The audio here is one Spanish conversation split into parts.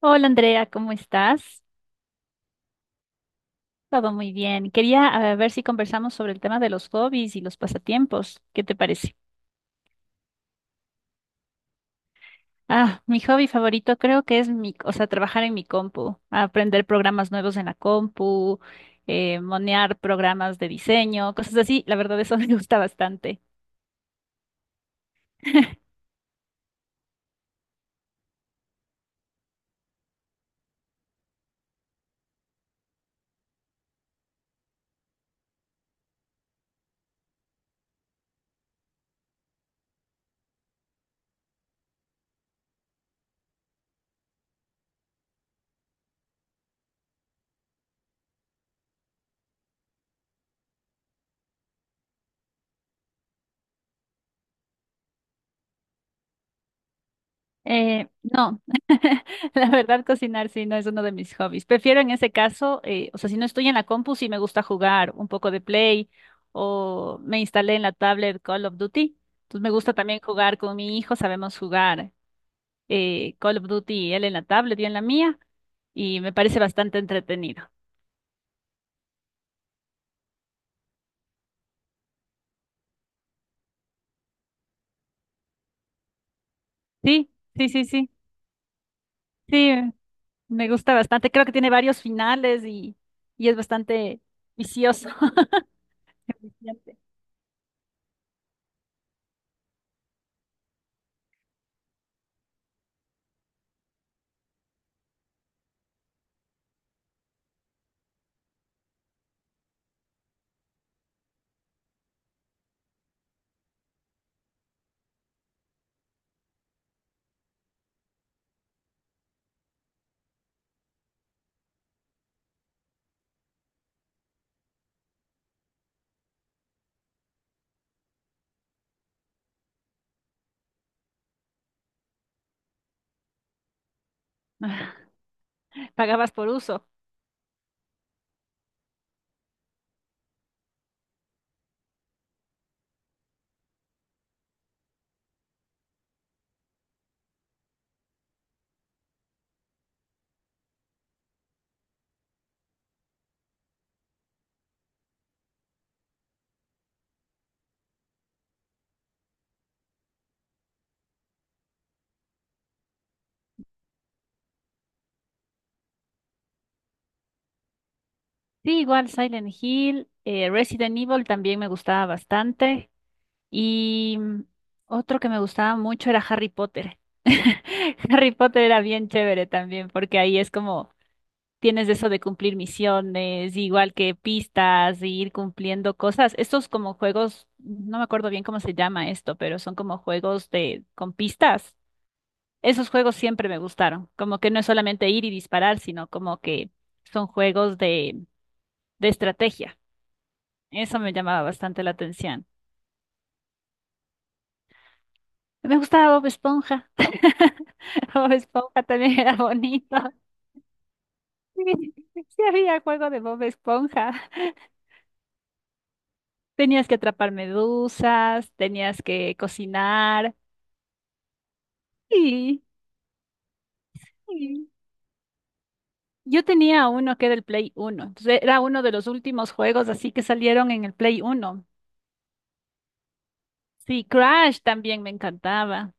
Hola Andrea, ¿cómo estás? Todo muy bien. Quería ver si conversamos sobre el tema de los hobbies y los pasatiempos. ¿Qué te parece? Ah, mi hobby favorito creo que es trabajar en mi compu, aprender programas nuevos en la compu, monear programas de diseño, cosas así. La verdad, eso me gusta bastante. No, la verdad cocinar sí no es uno de mis hobbies. Prefiero en ese caso, si no estoy en la compu, sí me gusta jugar un poco de Play o me instalé en la tablet Call of Duty. Entonces me gusta también jugar con mi hijo, sabemos jugar Call of Duty, él en la tablet, yo en la mía, y me parece bastante entretenido. Sí, sí, sí, sí, sí, me gusta bastante. Creo que tiene varios finales y es bastante vicioso. Eficiente. Pagabas por uso. Sí, igual Silent Hill, Resident Evil también me gustaba bastante. Y otro que me gustaba mucho era Harry Potter. Harry Potter era bien chévere también, porque ahí es como tienes eso de cumplir misiones, igual que pistas, y ir cumpliendo cosas. Estos como juegos, no me acuerdo bien cómo se llama esto, pero son como juegos de con pistas. Esos juegos siempre me gustaron, como que no es solamente ir y disparar, sino como que son juegos de estrategia. Eso me llamaba bastante la atención. Me gustaba Bob Esponja. Bob Esponja también era bonito. Sí, sí había juego de Bob Esponja. Tenías que atrapar medusas, tenías que cocinar. Sí, sí. Yo tenía uno que era el Play Uno. Entonces era uno de los últimos juegos así que salieron en el Play Uno. Sí, Crash también me encantaba.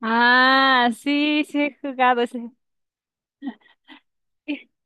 Ah, sí, sí he jugado ese.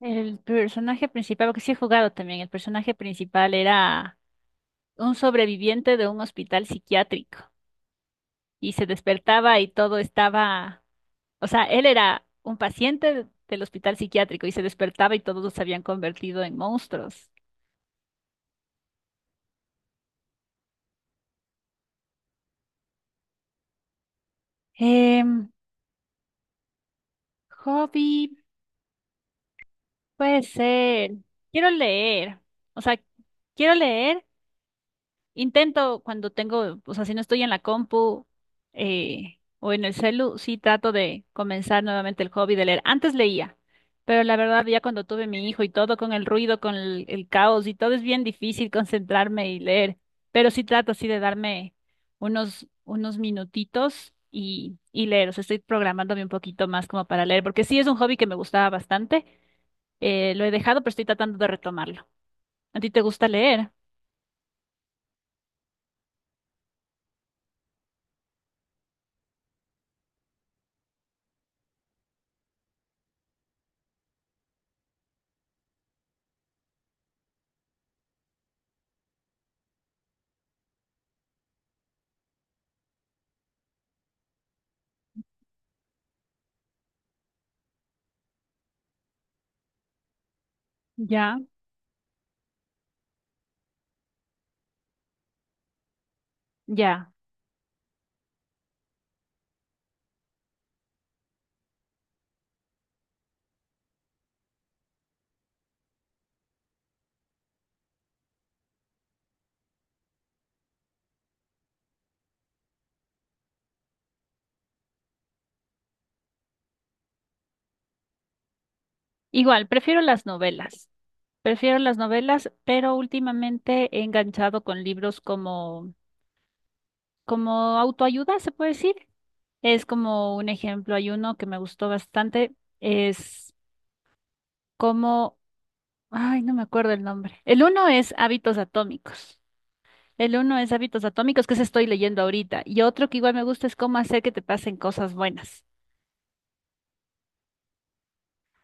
El personaje principal, porque sí he jugado también, el personaje principal era un sobreviviente de un hospital psiquiátrico y se despertaba y todo estaba, o sea, él era un paciente del hospital psiquiátrico y se despertaba y todos se habían convertido en monstruos. Em, hobby, puede ser, quiero leer, o sea, quiero leer. Intento cuando tengo, o sea, si no estoy en la compu o en el celu, sí trato de comenzar nuevamente el hobby de leer. Antes leía, pero la verdad ya cuando tuve mi hijo y todo con el ruido, con el caos y todo es bien difícil concentrarme y leer, pero sí trato así de darme unos minutitos y leer. O sea, estoy programándome un poquito más como para leer, porque sí es un hobby que me gustaba bastante. Lo he dejado, pero estoy tratando de retomarlo. ¿A ti te gusta leer? Ya, ya. Igual, prefiero las novelas. Prefiero las novelas, pero últimamente he enganchado con libros como autoayuda, se puede decir. Es como un ejemplo, hay uno que me gustó bastante, es como, ay, no me acuerdo el nombre. El uno es Hábitos Atómicos. El uno es Hábitos Atómicos, que se estoy leyendo ahorita. Y otro que igual me gusta es cómo hacer que te pasen cosas buenas.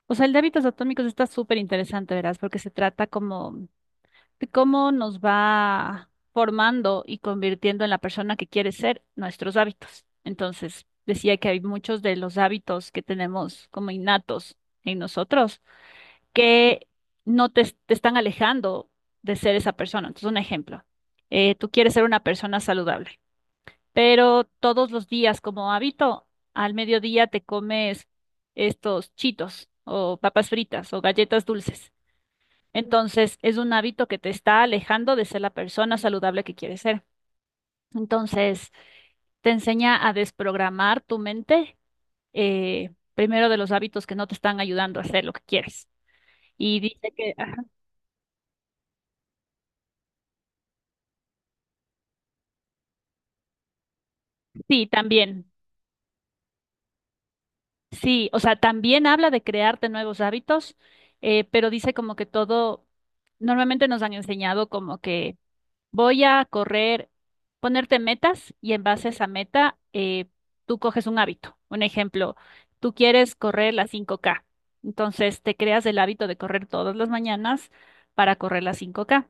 O sea, el de Hábitos Atómicos está súper interesante, verás, porque se trata como cómo nos va formando y convirtiendo en la persona que quiere ser nuestros hábitos. Entonces, decía que hay muchos de los hábitos que tenemos como innatos en nosotros que no te están alejando de ser esa persona. Entonces, un ejemplo, tú quieres ser una persona saludable, pero todos los días como hábito, al mediodía te comes estos chitos o papas fritas o galletas dulces. Entonces, es un hábito que te está alejando de ser la persona saludable que quieres ser. Entonces, te enseña a desprogramar tu mente, primero de los hábitos que no te están ayudando a hacer lo que quieres. Y dice que, ajá, sí, también, sí, o sea, también habla de crearte nuevos hábitos, pero dice como que todo, normalmente nos han enseñado como que voy a correr, ponerte metas y en base a esa meta, tú coges un hábito. Un ejemplo, tú quieres correr las 5K. Entonces te creas el hábito de correr todas las mañanas para correr las 5K.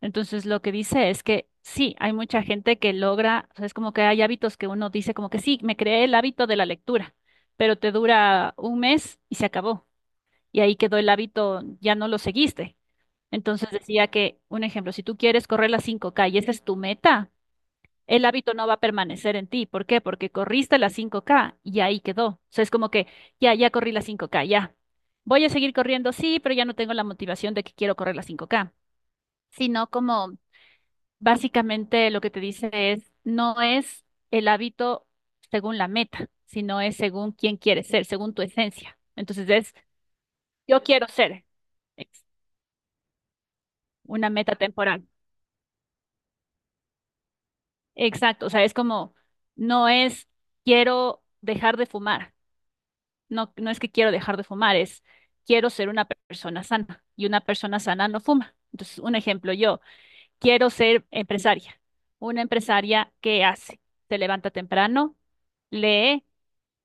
Entonces lo que dice es que sí, hay mucha gente que logra, o sea, es como que hay hábitos que uno dice como que sí, me creé el hábito de la lectura, pero te dura un mes y se acabó. Y ahí quedó el hábito, ya no lo seguiste. Entonces decía que, un ejemplo, si tú quieres correr las 5K y esa es tu meta, el hábito no va a permanecer en ti. ¿Por qué? Porque corriste las 5K y ahí quedó. O sea, es como que ya corrí las 5K, ya. Voy a seguir corriendo, sí, pero ya no tengo la motivación de que quiero correr las 5K, sino como básicamente lo que te dice es, no es el hábito según la meta, sino es según quién quieres ser, según tu esencia. Entonces es, yo quiero ser ex- una meta temporal. Exacto, o sea, es como, no es quiero dejar de fumar, no, no es que quiero dejar de fumar, es quiero ser una persona sana y una persona sana no fuma. Entonces, un ejemplo, yo quiero ser empresaria, una empresaria que hace, se levanta temprano, lee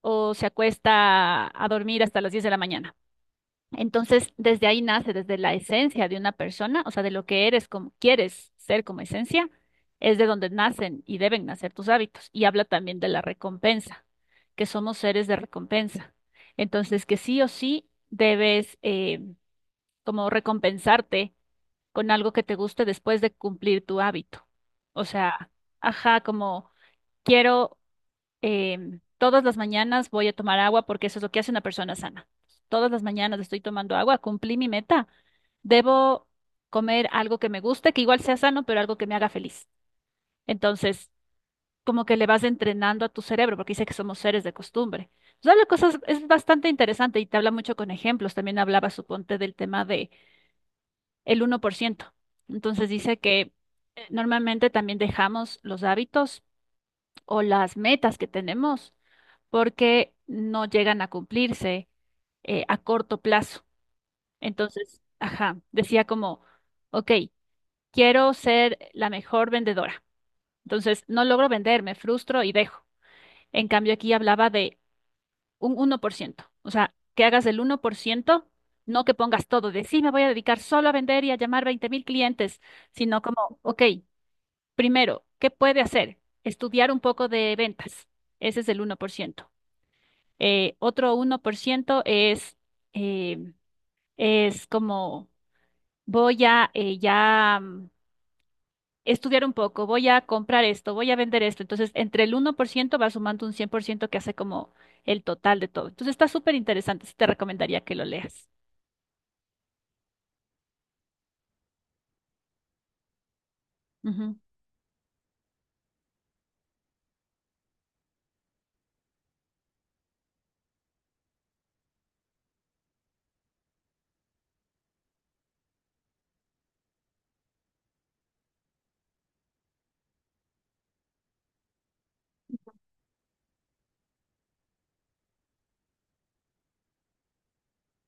o se acuesta a dormir hasta las 10 de la mañana. Entonces, desde ahí nace, desde la esencia de una persona, o sea, de lo que eres, como quieres ser como esencia, es de donde nacen y deben nacer tus hábitos. Y habla también de la recompensa, que somos seres de recompensa. Entonces, que sí o sí debes como recompensarte con algo que te guste después de cumplir tu hábito. O sea, ajá, como quiero todas las mañanas voy a tomar agua porque eso es lo que hace una persona sana. Todas las mañanas estoy tomando agua, cumplí mi meta. Debo comer algo que me guste, que igual sea sano, pero algo que me haga feliz. Entonces, como que le vas entrenando a tu cerebro, porque dice que somos seres de costumbre. Entonces, habla cosas, es bastante interesante y te habla mucho con ejemplos. También hablaba, suponte, del tema de el 1%. Entonces, dice que normalmente también dejamos los hábitos o las metas que tenemos porque no llegan a cumplirse a corto plazo. Entonces, ajá, decía como, ok, quiero ser la mejor vendedora. Entonces, no logro vender, me frustro y dejo. En cambio, aquí hablaba de un 1%, o sea, que hagas el 1%, no que pongas todo de sí, me voy a dedicar solo a vender y a llamar 20 mil clientes, sino como, ok, primero, ¿qué puede hacer? Estudiar un poco de ventas. Ese es el 1%. Otro 1% eh, es como voy a estudiar un poco, voy a comprar esto, voy a vender esto. Entonces, entre el 1% va sumando un 100% que hace como el total de todo. Entonces, está súper interesante. Sí, te recomendaría que lo leas. Ujú,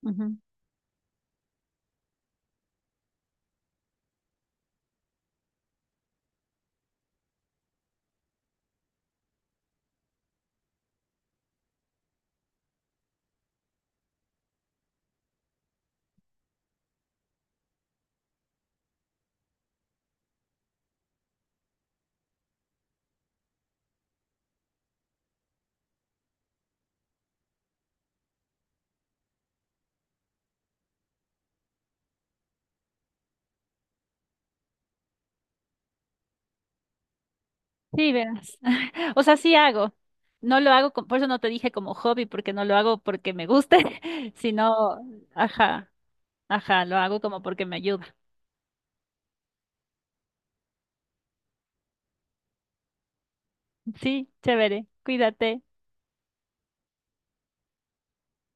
ujú. Sí, verás. O sea, sí hago. No lo hago, por eso no te dije como hobby, porque no lo hago porque me guste, sino, ajá, ajá, lo hago como porque me ayuda. Sí, chévere. Cuídate.